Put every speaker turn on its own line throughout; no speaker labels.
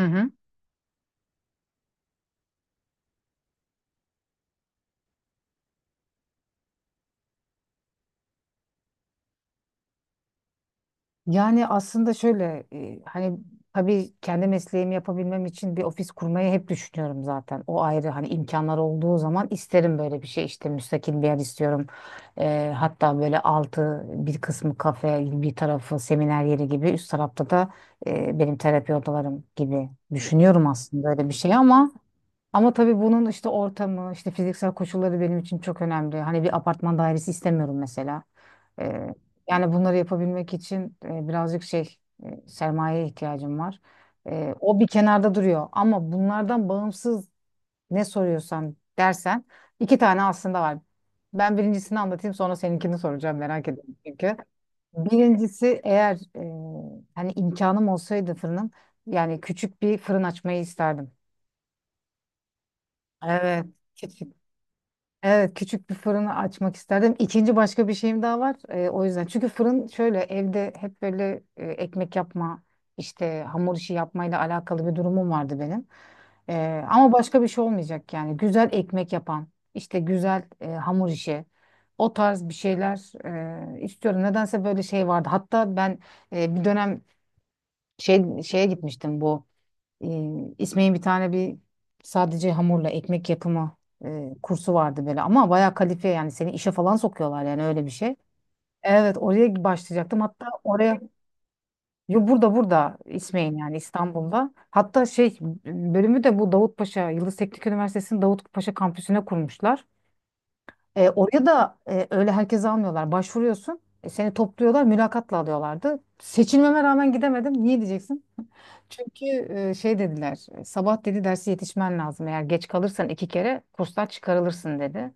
Hı hı. Yani aslında şöyle tabii kendi mesleğimi yapabilmem için bir ofis kurmayı hep düşünüyorum zaten. O ayrı hani imkanlar olduğu zaman isterim böyle bir şey işte müstakil bir yer istiyorum. Hatta böyle altı bir kısmı kafe bir tarafı seminer yeri gibi üst tarafta da benim terapi odalarım gibi düşünüyorum aslında öyle bir şey ama ama tabii bunun işte ortamı, işte fiziksel koşulları benim için çok önemli. Hani bir apartman dairesi istemiyorum mesela. Ee, yani bunları yapabilmek için birazcık şey, sermayeye ihtiyacım var. O bir kenarda duruyor. Ama bunlardan bağımsız ne soruyorsan dersen iki tane aslında var. Ben birincisini anlatayım, sonra seninkini soracağım, merak ediyorum çünkü. Birincisi, eğer hani imkanım olsaydı, fırınım yani küçük bir fırın açmayı isterdim. Evet. Evet, küçük bir fırını açmak isterdim. İkinci başka bir şeyim daha var. O yüzden. Çünkü fırın şöyle, evde hep böyle ekmek yapma, işte hamur işi yapmayla alakalı bir durumum vardı benim. Ama başka bir şey olmayacak yani. Güzel ekmek yapan, işte güzel hamur işi, o tarz bir şeyler istiyorum. Nedense böyle şey vardı. Hatta ben bir dönem şeye gitmiştim bu. İsmail'in bir tane bir sadece hamurla ekmek yapımı kursu vardı böyle, ama bayağı kalifiye, yani seni işe falan sokuyorlar, yani öyle bir şey. Evet, oraya başlayacaktım hatta oraya, yo, burada İsmail yani İstanbul'da. Hatta şey bölümü de bu Davutpaşa, Yıldız Teknik Üniversitesi'nin Davutpaşa kampüsüne kurmuşlar. Oraya da öyle herkese almıyorlar. Başvuruyorsun, seni topluyorlar, mülakatla alıyorlardı. Seçilmeme rağmen gidemedim. Niye diyeceksin? Çünkü şey dediler, sabah dedi dersi yetişmen lazım. Eğer geç kalırsan iki kere kurslar çıkarılırsın dedi.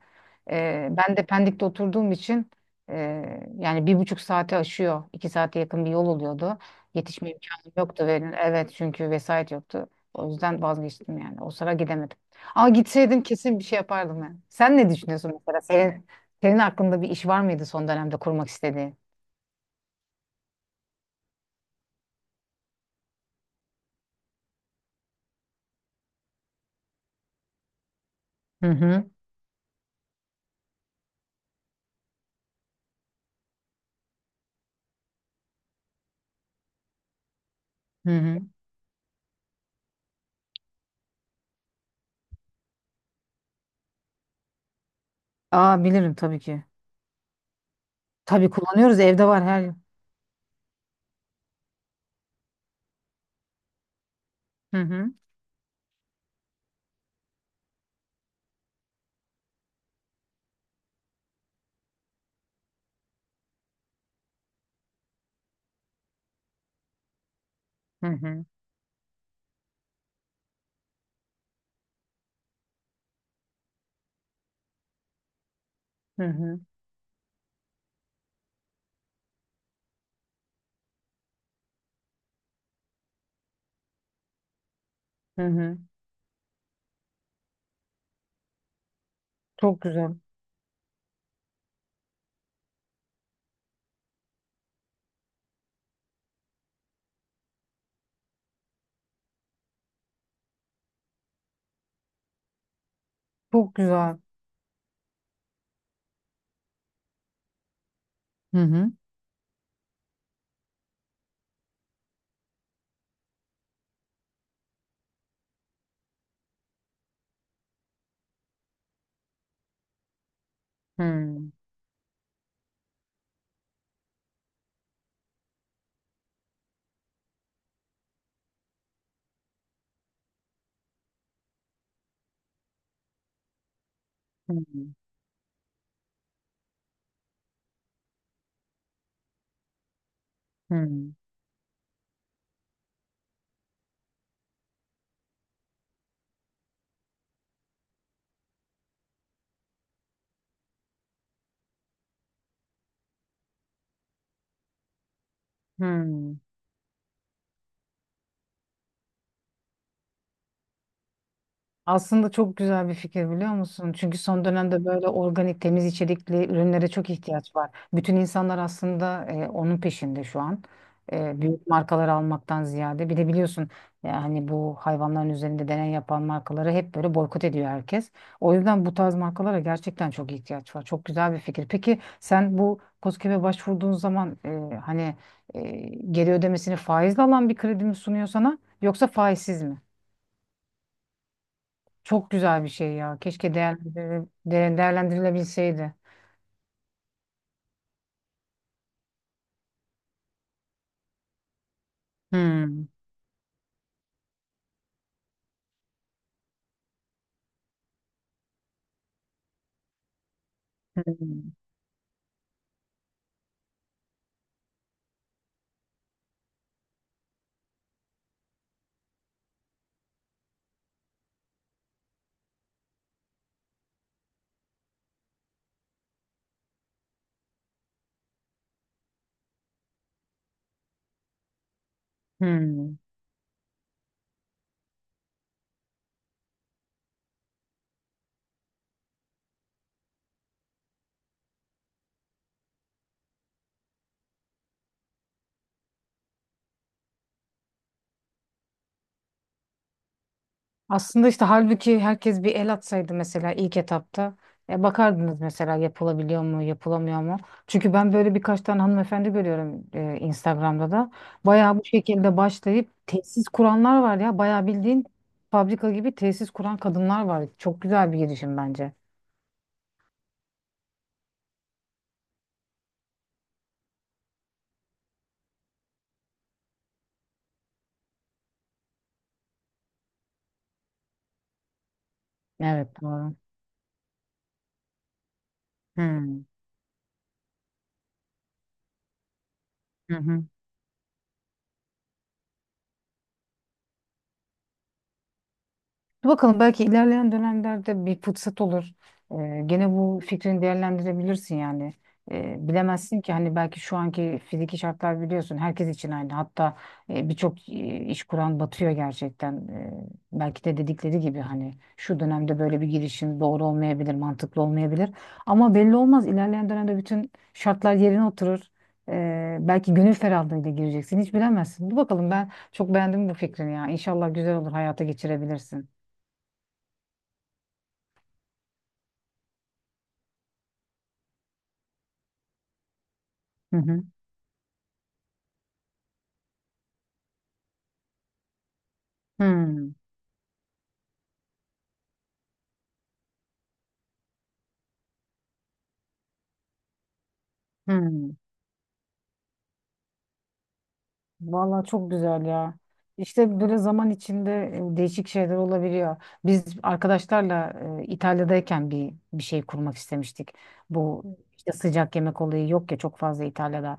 Ben de Pendik'te oturduğum için e, yani bir buçuk saate aşıyor. İki saate yakın bir yol oluyordu. Yetişme imkanım yoktu. Ve, evet, çünkü vesait yoktu. O yüzden vazgeçtim yani. O sıra gidemedim. Ama gitseydim kesin bir şey yapardım yani. Sen ne düşünüyorsun mesela? Senin aklında bir iş var mıydı son dönemde kurmak istediğin? Hı hı. Hı hı. Aa, bilirim tabii ki. Tabii kullanıyoruz, evde var her Hı hı. Hı hı. Hı hı. Hı hı. Çok güzel. Çok güzel. Hı hı. Hı hı. Hı hı. Hı hı. Aslında çok güzel bir fikir, biliyor musun? Çünkü son dönemde böyle organik, temiz içerikli ürünlere çok ihtiyaç var. Bütün insanlar aslında onun peşinde şu an. Büyük markalar almaktan ziyade. Bir de biliyorsun yani bu hayvanların üzerinde deney yapan markaları hep böyle boykot ediyor herkes. O yüzden bu tarz markalara gerçekten çok ihtiyaç var. Çok güzel bir fikir. Peki, sen bu KOSGEB'e başvurduğun zaman e, geri ödemesini faizle alan bir kredi mi sunuyor sana, yoksa faizsiz mi? Çok güzel bir şey ya. Keşke değerlendirilebilseydi. Hmm, hmm, hmm. Aslında işte halbuki herkes bir el atsaydı mesela ilk etapta. Bakardınız mesela, yapılabiliyor mu, yapılamıyor mu? Çünkü ben böyle birkaç tane hanımefendi görüyorum Instagram'da da. Bayağı bu şekilde başlayıp tesis kuranlar var ya. Bayağı bildiğin fabrika gibi tesis kuran kadınlar var. Çok güzel bir girişim bence. Evet, doğru. Hmm. Hı hı. Dur bakalım, belki ilerleyen dönemlerde bir fırsat olur. Gene bu fikrini değerlendirebilirsin yani. Bilemezsin ki hani belki şu anki fiziki şartlar, biliyorsun, herkes için aynı. Hatta birçok iş kuran batıyor gerçekten. Belki de dedikleri gibi hani şu dönemde böyle bir girişim doğru olmayabilir, mantıklı olmayabilir. Ama belli olmaz, ilerleyen dönemde bütün şartlar yerine oturur. Belki gönül ferahlığıyla gireceksin, hiç bilemezsin. Dur bakalım, ben çok beğendim bu fikrini ya. İnşallah güzel olur, hayata geçirebilirsin. Hı hı. Hmm, hmm. Vallahi çok güzel ya. İşte böyle zaman içinde değişik şeyler olabiliyor. Biz arkadaşlarla İtalya'dayken bir şey kurmak istemiştik. Bu işte sıcak yemek olayı yok ya çok fazla İtalya'da.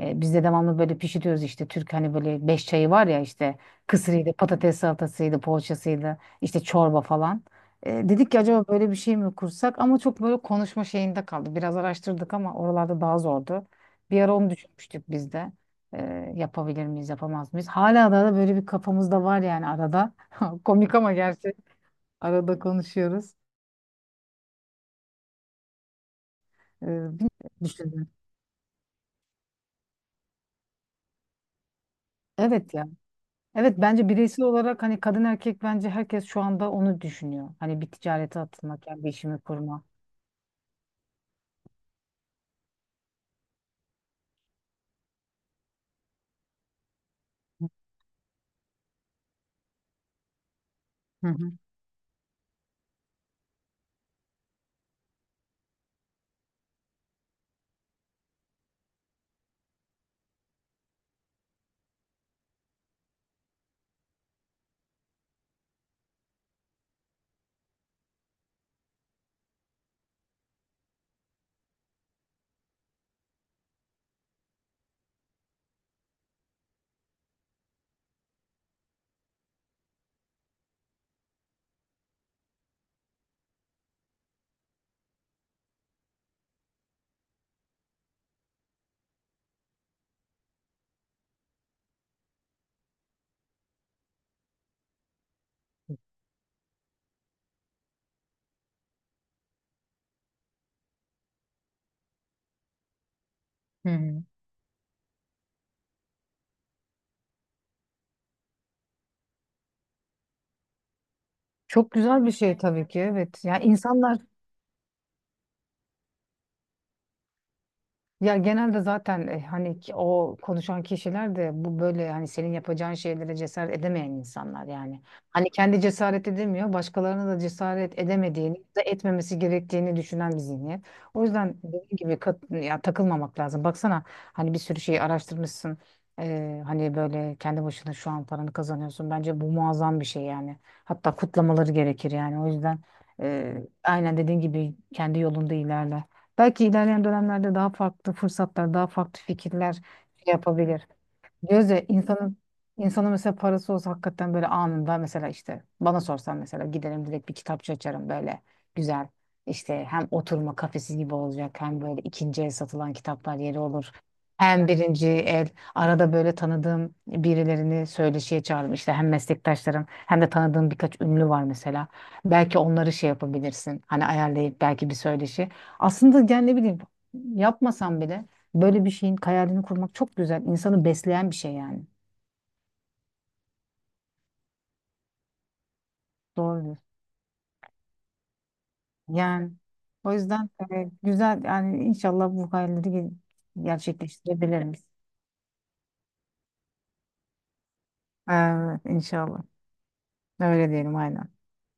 Biz de devamlı böyle pişiriyoruz işte, Türk hani böyle beş çayı var ya, işte kısırıydı, patates salatasıydı, poğaçasıydı, işte çorba falan. Dedik ki acaba böyle bir şey mi kursak, ama çok böyle konuşma şeyinde kaldı. Biraz araştırdık ama oralarda daha zordu. Bir ara onu düşünmüştük biz de. Yapabilir miyiz, yapamaz mıyız? Hala da böyle bir kafamızda var yani arada. Komik ama gerçi arada konuşuyoruz. Bilmiyorum, düşündüm. Evet ya. Evet, bence bireysel olarak hani kadın erkek bence herkes şu anda onu düşünüyor. Hani bir ticarete atılmak, yani bir işimi kurma. Hı hı. Hı hı. Çok güzel bir şey tabii ki, evet. Yani insanlar Ya genelde zaten o konuşan kişiler de bu böyle hani senin yapacağın şeylere cesaret edemeyen insanlar yani. Hani kendi cesaret edemiyor, başkalarına da cesaret edemediğini ya da etmemesi gerektiğini düşünen bir zihniyet. O yüzden dediğim gibi takılmamak lazım. Baksana hani bir sürü şeyi araştırmışsın. Hani böyle kendi başına şu an paranı kazanıyorsun. Bence bu muazzam bir şey yani. Hatta kutlamaları gerekir yani. O yüzden e, aynen dediğin gibi kendi yolunda ilerle. Belki ilerleyen dönemlerde daha farklı fırsatlar, daha farklı fikirler şey yapabilir. Gözde insanın mesela parası olsa hakikaten böyle anında, mesela işte bana sorsan, mesela giderim direkt bir kitapçı açarım böyle güzel, işte hem oturma kafesi gibi olacak, hem böyle ikinci el satılan kitaplar yeri olur. Hem birinci el arada böyle tanıdığım birilerini söyleşiye çağırırım, işte hem meslektaşlarım hem de tanıdığım birkaç ünlü var mesela. Belki onları şey yapabilirsin, hani ayarlayıp belki bir söyleşi. Aslında yani ne bileyim, yapmasam bile böyle bir şeyin hayalini kurmak çok güzel. İnsanı besleyen bir şey yani. Doğrudur. Yani o yüzden güzel yani, inşallah gerçekleştirebiliriz. Evet, inşallah. Öyle diyelim, aynen.